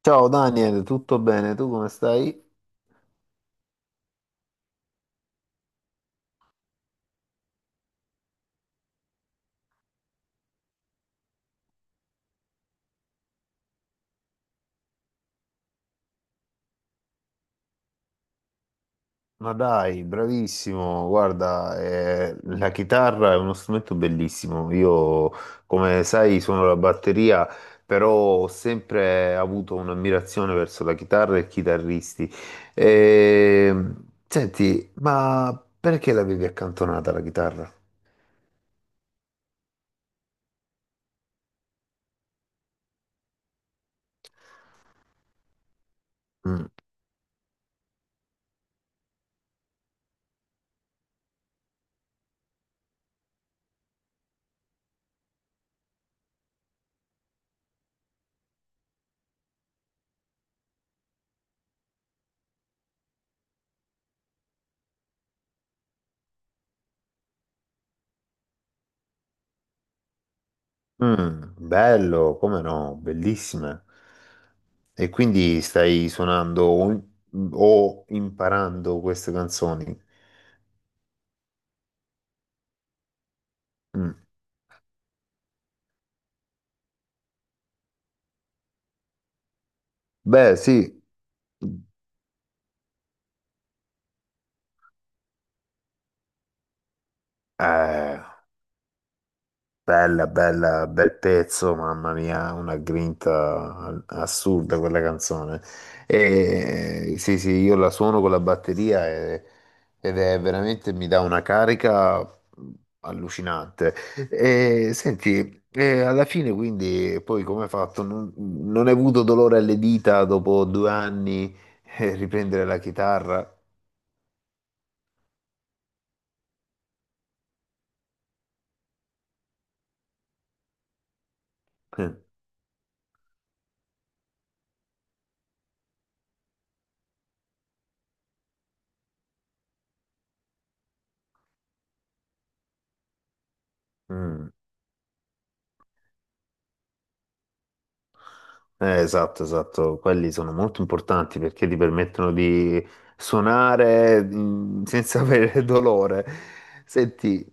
Ciao Daniel, tutto bene? Tu come stai? Ma dai, bravissimo. Guarda, la chitarra è uno strumento bellissimo. Io, come sai, suono la batteria, però ho sempre avuto un'ammirazione verso la chitarra e i chitarristi. E senti, ma perché l'avevi accantonata la chitarra? Mm. Mm, bello, come no, bellissime. E quindi stai suonando o imparando queste canzoni? Mm. Beh, sì. Eh. Bella, bella, bel pezzo, mamma mia, una grinta assurda quella canzone. E sì, sì, io la suono con la batteria ed è veramente mi dà una carica allucinante. E senti, e alla fine quindi poi come hai fatto? Non hai avuto dolore alle dita dopo due anni riprendere la chitarra? Eh. Mm. Esatto, esatto, quelli sono molto importanti perché ti permettono di suonare senza avere dolore. Senti,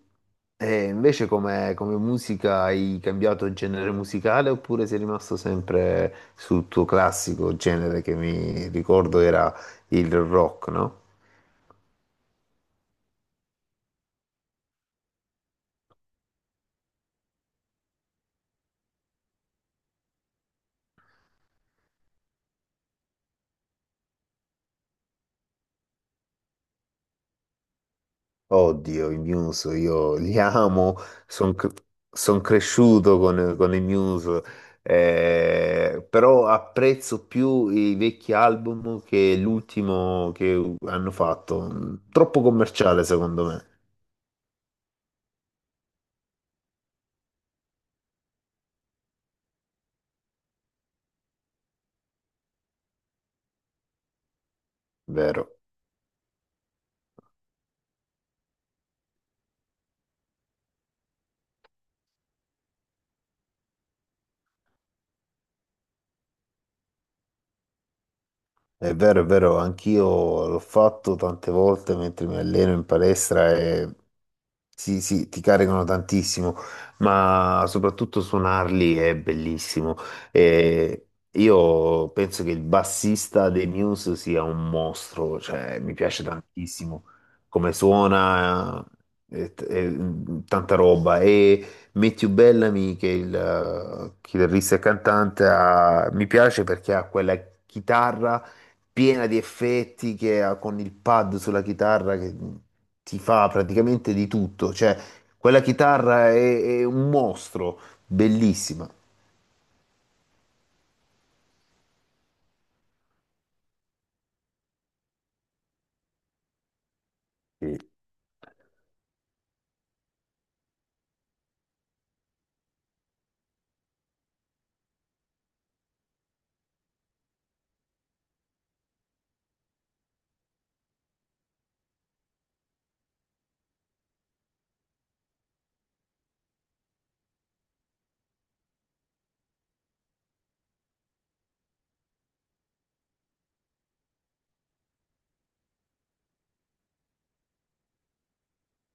invece come, musica hai cambiato genere musicale oppure sei rimasto sempre sul tuo classico genere che mi ricordo era il rock, no? Oddio, i Muse, io li amo, sono cresciuto con, i Muse, però apprezzo più i vecchi album che l'ultimo che hanno fatto. Troppo commerciale, secondo me. Vero. È vero, è vero, anch'io l'ho fatto tante volte mentre mi alleno in palestra e sì, sì, ti caricano tantissimo, ma soprattutto suonarli è bellissimo. E io penso che il bassista dei Muse sia un mostro, cioè mi piace tantissimo come suona, e tanta roba. E Matthew Bellamy, che è il chitarrista e cantante, mi piace perché ha quella chitarra piena di effetti che ha con il pad sulla chitarra che ti fa praticamente di tutto. Cioè, quella chitarra è un mostro, bellissima. Sì.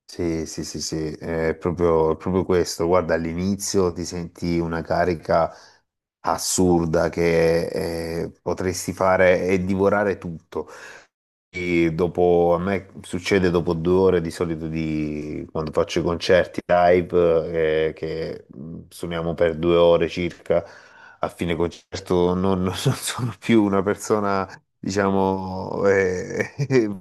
Sì, sì, sì, sì, è proprio questo. Guarda, all'inizio ti senti una carica assurda che potresti fare e divorare tutto. E dopo, a me succede dopo due ore di solito di quando faccio i concerti live, che suoniamo per due ore circa. A fine concerto non, non sono più una persona, diciamo,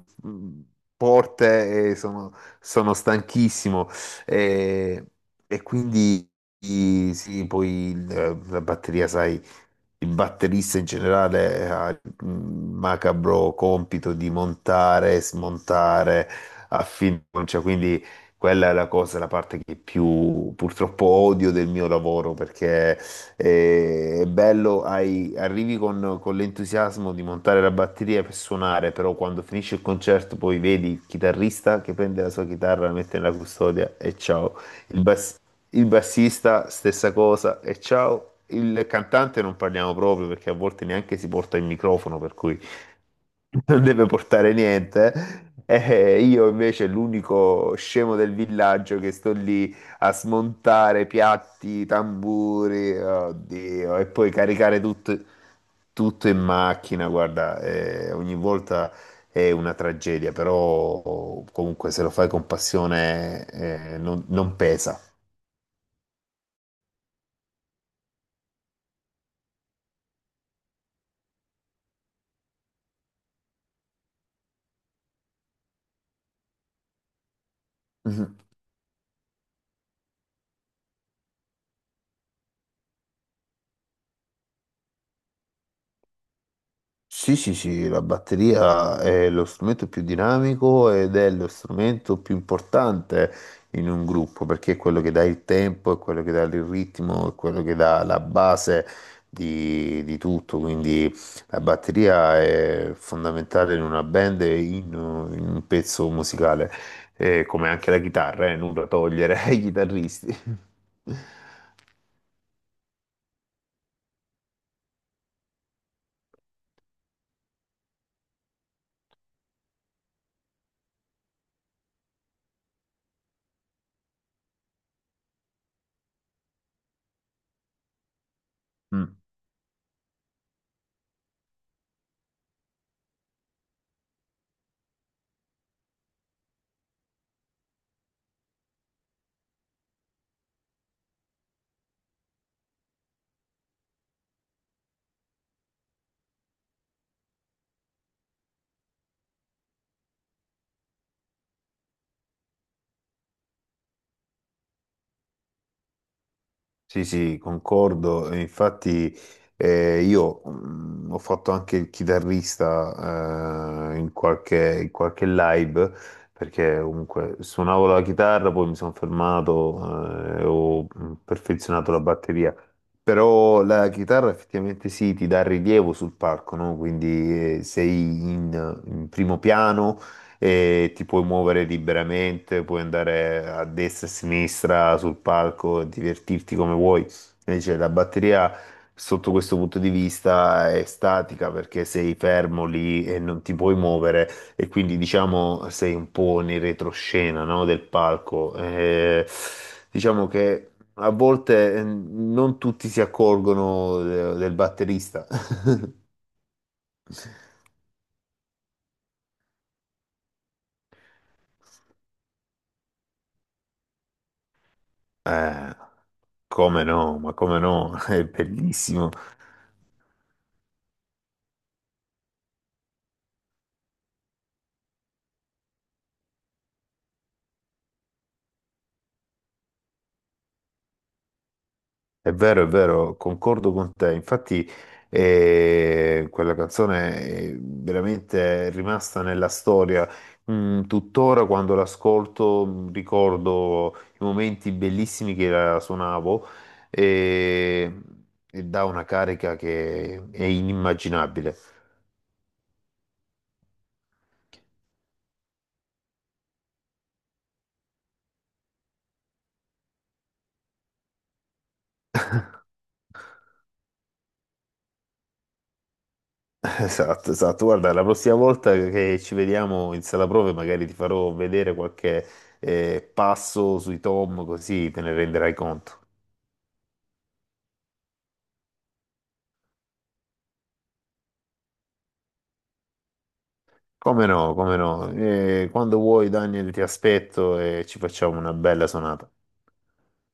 forte e sono, sono stanchissimo. Eh, e quindi sì, poi la batteria, sai, il batterista in generale ha il macabro compito di montare, smontare a fiducia, quindi quella è la cosa, la parte che più purtroppo odio del mio lavoro, perché è bello, arrivi con, l'entusiasmo di montare la batteria per suonare, però quando finisce il concerto poi vedi il chitarrista che prende la sua chitarra, la mette nella custodia e ciao. Il, bas- il bassista, stessa cosa. E ciao, il cantante non parliamo proprio perché a volte neanche si porta il microfono, per cui non deve portare niente. E io invece l'unico scemo del villaggio che sto lì a smontare piatti, tamburi, oddio, e poi caricare tutto, tutto in macchina. Guarda, ogni volta è una tragedia, però comunque se lo fai con passione, non pesa. Sì, sì, sì, la batteria è lo strumento più dinamico ed è lo strumento più importante in un gruppo perché è quello che dà il tempo, è quello che dà il ritmo, è quello che dà la base di, tutto. Quindi la batteria è fondamentale in una band e in, un pezzo musicale. Come anche la chitarra, nulla da togliere ai chitarristi. Mm. Sì, sì, concordo. E infatti, io ho fatto anche il chitarrista in qualche, live, perché comunque suonavo la chitarra, poi mi sono fermato e ho perfezionato la batteria. Però la chitarra effettivamente sì, ti dà rilievo sul palco, no? Quindi sei in, primo piano e ti puoi muovere liberamente, puoi andare a destra e a sinistra sul palco, divertirti come vuoi. Invece la batteria, sotto questo punto di vista, è statica perché sei fermo lì e non ti puoi muovere e quindi diciamo sei un po' nel retroscena, no? del palco. Diciamo che a volte non tutti si accorgono del batterista. Eh, come no, ma come no, è bellissimo. È vero, concordo con te. Infatti, quella canzone è veramente rimasta nella storia. Mm, tuttora quando l'ascolto ricordo i momenti bellissimi che la suonavo e, e dà una carica che è inimmaginabile. Esatto, esatto. Guarda, la prossima volta che ci vediamo in sala prove, magari ti farò vedere qualche passo sui tom, così te ne renderai conto. Come no, come no. Quando vuoi, Daniel, ti aspetto e ci facciamo una bella sonata.